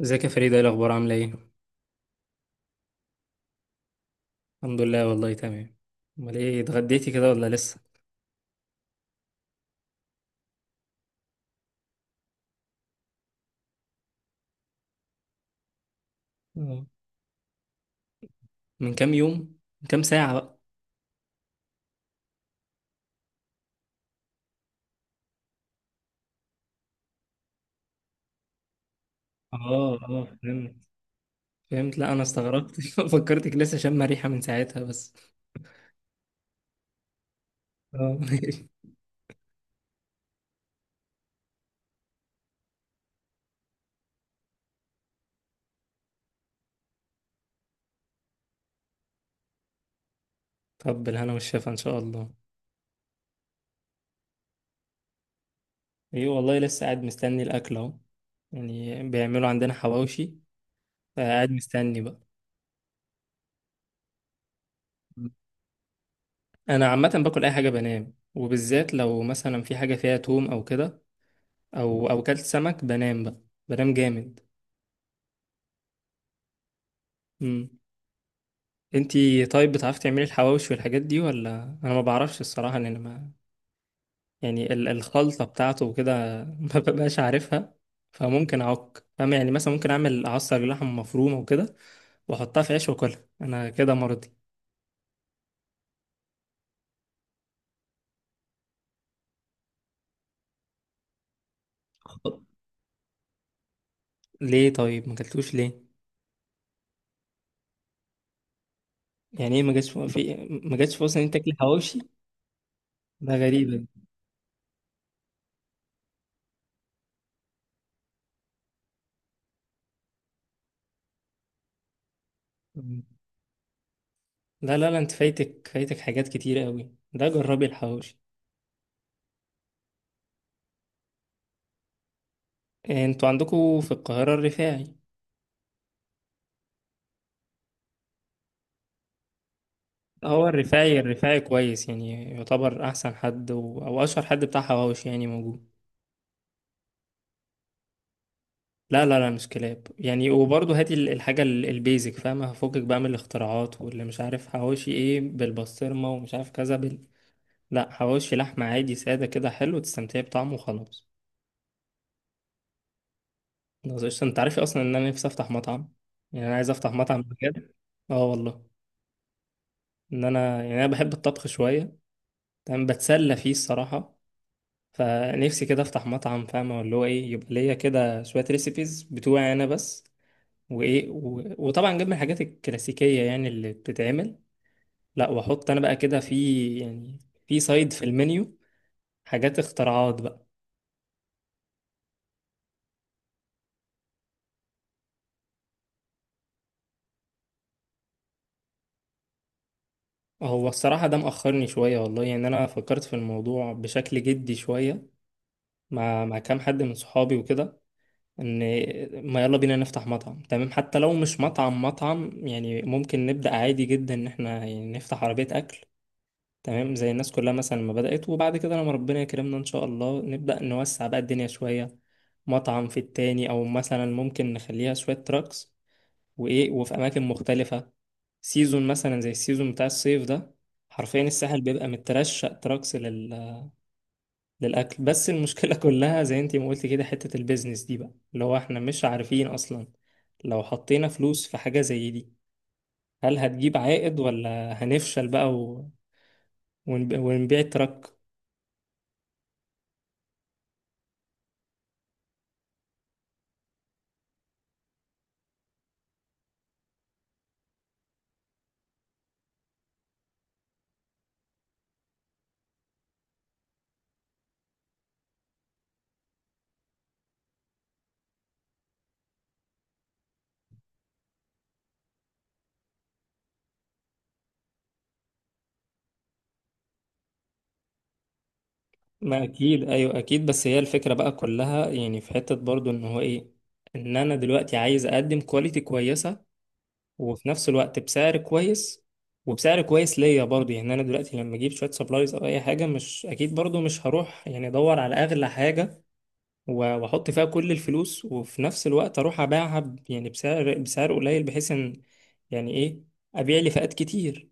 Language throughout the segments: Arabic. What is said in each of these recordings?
ازيك يا فريدة، ايه الأخبار، عاملة ايه؟ الحمد لله والله تمام. امال ايه، اتغديتي كده ولا لسه؟ آه. من كام يوم؟ من كام ساعة بقى؟ اه اه، فهمت فهمت. لا، أنا استغربت فكرتك لسه شامة ريحة من ساعتها بس. اه طب بالهنا والشفا إن شاء الله. ايه والله لسه قاعد مستني الأكل أهو، يعني بيعملوا عندنا حواوشي، فقاعد مستني بقى. أنا عامة باكل أي حاجة بنام، وبالذات لو مثلا في حاجة فيها توم أو كده، أو كلت سمك بنام بقى. بنام جامد. انتي طيب بتعرفي تعملي الحواوشي والحاجات دي ولا؟ انا ما بعرفش الصراحه، ان انا ما... يعني الخلطه بتاعته وكده ما ببقاش عارفها. فممكن اعك فاهم، يعني مثلا ممكن اعمل اعصر لحمه مفرومه وكده، واحطها في عيش واكلها انا كده مرضي. ليه طيب ما اكلتوش ليه؟ يعني ايه، ما جاتش في؟ ما جاتش فرصه ان انت تاكل حواوشي؟ ده غريبه. لا لا لا، انت فايتك فايتك حاجات كتير قوي، ده جربي الحواوشي. إيه، انتوا عندكم في القاهره الرفاعي. هو الرفاعي الرفاعي كويس، يعني يعتبر احسن حد او اشهر حد بتاع حواوش يعني موجود. لا لا لا، مش كلاب يعني. وبرضه هاتي الحاجه البيزك فاهمه، هفكك بقى من الاختراعات واللي مش عارف حواوشي ايه بالبسطرمه ومش عارف كذا لا، حواوشي لحمه عادي ساده كده حلو تستمتعي بطعمه وخلاص. خلاص قشطة. انت عارف اصلا ان انا نفسي افتح مطعم؟ يعني انا عايز افتح مطعم بجد. اه والله، ان انا يعني انا بحب الطبخ شويه، تمام بتسلى فيه الصراحه. فنفسي كده افتح مطعم، فاهمة اللي هو ايه، يبقى ليا كده شوية ريسيبيز بتوعي انا بس. وايه وطبعا جنب الحاجات الكلاسيكية يعني اللي بتتعمل. لا، واحط انا بقى كده في، يعني في سايد في المنيو حاجات اختراعات بقى. هو الصراحة ده مأخرني شوية والله، يعني انا فكرت في الموضوع بشكل جدي شوية مع كام حد من صحابي وكده، ان ما يلا بينا نفتح مطعم تمام، حتى لو مش مطعم مطعم يعني، ممكن نبدأ عادي جدا ان احنا يعني نفتح عربية اكل، تمام زي الناس كلها مثلا ما بدأت. وبعد كده لما ربنا يكرمنا إن شاء الله نبدأ نوسع بقى الدنيا شوية، مطعم في التاني، أو مثلا ممكن نخليها شوية تراكس، وإيه وفي أماكن مختلفة، سيزون مثلا زي السيزون بتاع الصيف ده، حرفيا الساحل بيبقى مترشق تراكس للأكل. بس المشكلة كلها زي انتي ما قلتي كده، حتة البيزنس دي بقى اللي هو احنا مش عارفين أصلا لو حطينا فلوس في حاجة زي دي، هل هتجيب عائد ولا هنفشل بقى ونبيع التراك. ما اكيد ايوه اكيد. بس هي الفكره بقى كلها يعني في حته برضو ان هو ايه، ان انا دلوقتي عايز اقدم كواليتي كويسه، وفي نفس الوقت بسعر كويس، وبسعر كويس ليا برضو. يعني انا دلوقتي لما اجيب شويه سبلايز او اي حاجه مش اكيد برضو، مش هروح يعني ادور على اغلى حاجه و- واحط فيها كل الفلوس، وفي نفس الوقت اروح ابيعها يعني بسعر قليل، بحيث ان، يعني ايه، ابيع لي فئات كتير.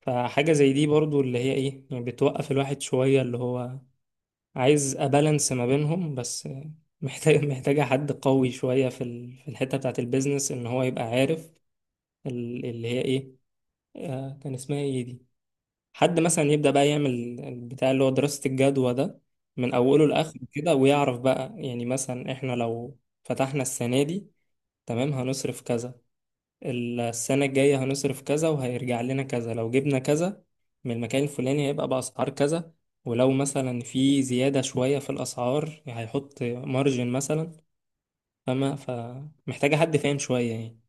فحاجه زي دي برضو اللي هي ايه، يعني بتوقف الواحد شويه اللي هو عايز أبالانس ما بينهم بس. محتاجة حد قوي شوية في في الحتة بتاعة البيزنس إن هو يبقى عارف اللي هي إيه، كان اسمها إيه دي، حد مثلا يبدأ بقى يعمل البتاع اللي هو دراسة الجدوى ده من أوله لآخره كده، ويعرف بقى يعني مثلا، إحنا لو فتحنا السنة دي تمام هنصرف كذا، السنة الجاية هنصرف كذا وهيرجع لنا كذا، لو جبنا كذا من المكان الفلاني هيبقى بأسعار كذا، ولو مثلا في زيادة شوية في الأسعار هيحط مارجن مثلا. فمحتاجة حد فاهم شوية يعني.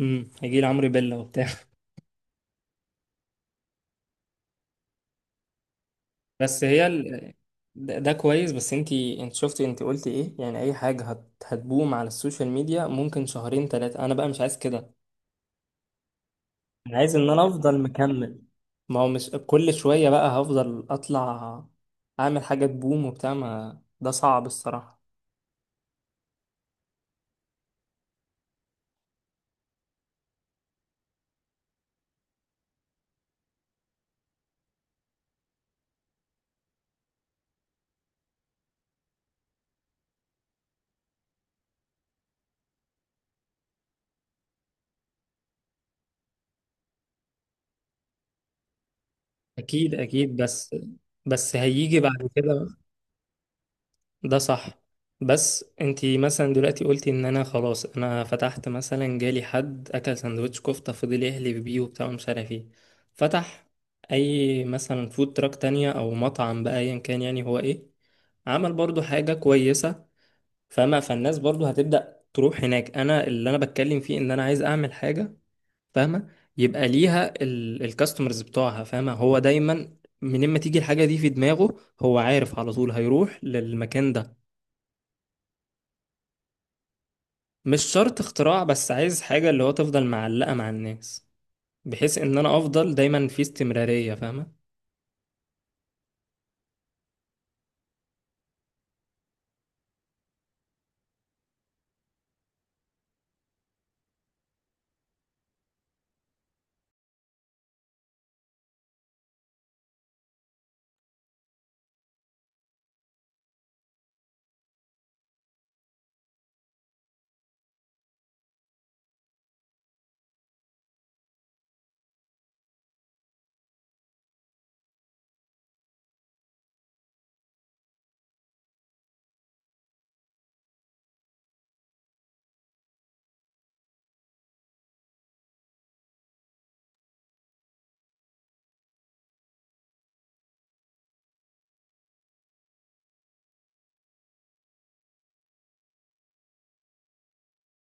هيجي عمرو بيلا وبتاع بس هي ده كويس، بس انتي انت شفتي انت قلتي ايه، يعني اي حاجة هتبوم على السوشيال ميديا ممكن شهرين تلاتة، انا بقى مش عايز كده. انا عايز ان انا افضل مكمل، ما هو مش كل شوية بقى هفضل اطلع اعمل حاجة تبوم وبتاع، ما ده صعب الصراحة. اكيد اكيد بس، بس هيجي بعد كده بقى. ده صح. بس انتي مثلا دلوقتي قلتي ان انا خلاص، انا فتحت مثلا جالي حد اكل سندوتش كفتة فضل يحلف بيه وبتاع ومش عارف ايه، فتح اي مثلا فود تراك تانية او مطعم بقى ايا كان، يعني هو ايه، عمل برضو حاجة كويسة فاهمة، فالناس برضو هتبدأ تروح هناك. انا اللي انا بتكلم فيه ان انا عايز اعمل حاجة فاهمة يبقى ليها الكاستمرز بتوعها، فاهمة، هو دايما منين ما تيجي الحاجة دي في دماغه هو عارف على طول هيروح للمكان ده. مش شرط اختراع، بس عايز حاجة اللي هو تفضل معلقة مع الناس، بحيث ان انا افضل دايما في استمرارية فاهمة.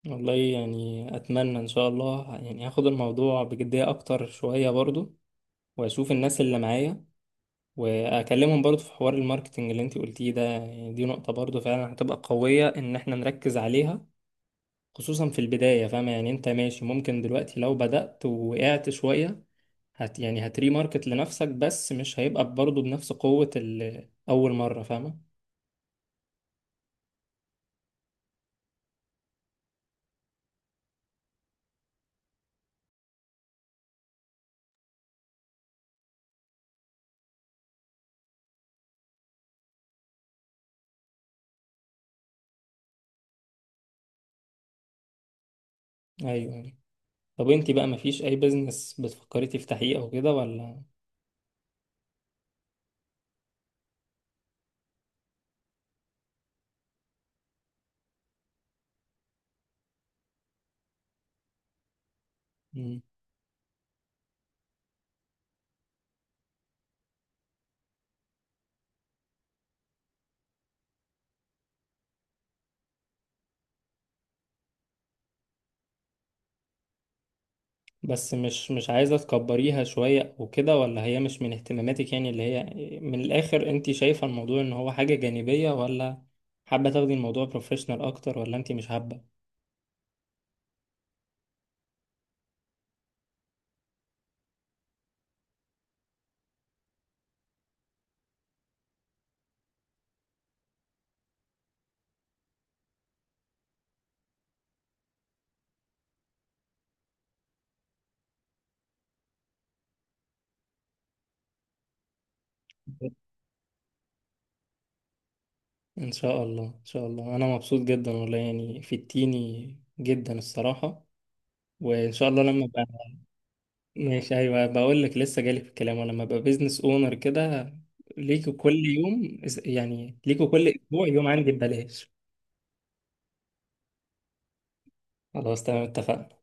والله يعني اتمنى ان شاء الله يعني هاخد الموضوع بجدية اكتر شوية برضو، واشوف الناس اللي معايا واكلمهم برضو في حوار الماركتنج اللي انت قلتيه ده، يعني دي نقطة برضو فعلا هتبقى قوية ان احنا نركز عليها، خصوصا في البداية فاهمة. يعني انت ماشي ممكن دلوقتي لو بدأت ووقعت شوية يعني هتري ماركت لنفسك، بس مش هيبقى برضو بنفس قوة اول مرة فاهمة. ايوه. طب انت بقى مفيش اي بزنس بتفكري تفتحيه او كده ولا؟ بس مش عايزة تكبريها شوية وكده، ولا هي مش من اهتماماتك، يعني اللي هي، من الآخر انت شايفة الموضوع ان هو حاجة جانبية ولا حابة تاخدي الموضوع بروفيشنال اكتر، ولا انت مش حابة. ان شاء الله ان شاء الله، انا مبسوط جدا والله يعني فدتيني جدا الصراحة. وان شاء الله لما ابقى. ماشي، ايوه بقول لك لسه جالي في الكلام، ولما ابقى بيزنس اونر كده ليكوا كل اسبوع يوم عندي ببلاش. خلاص تمام اتفقنا.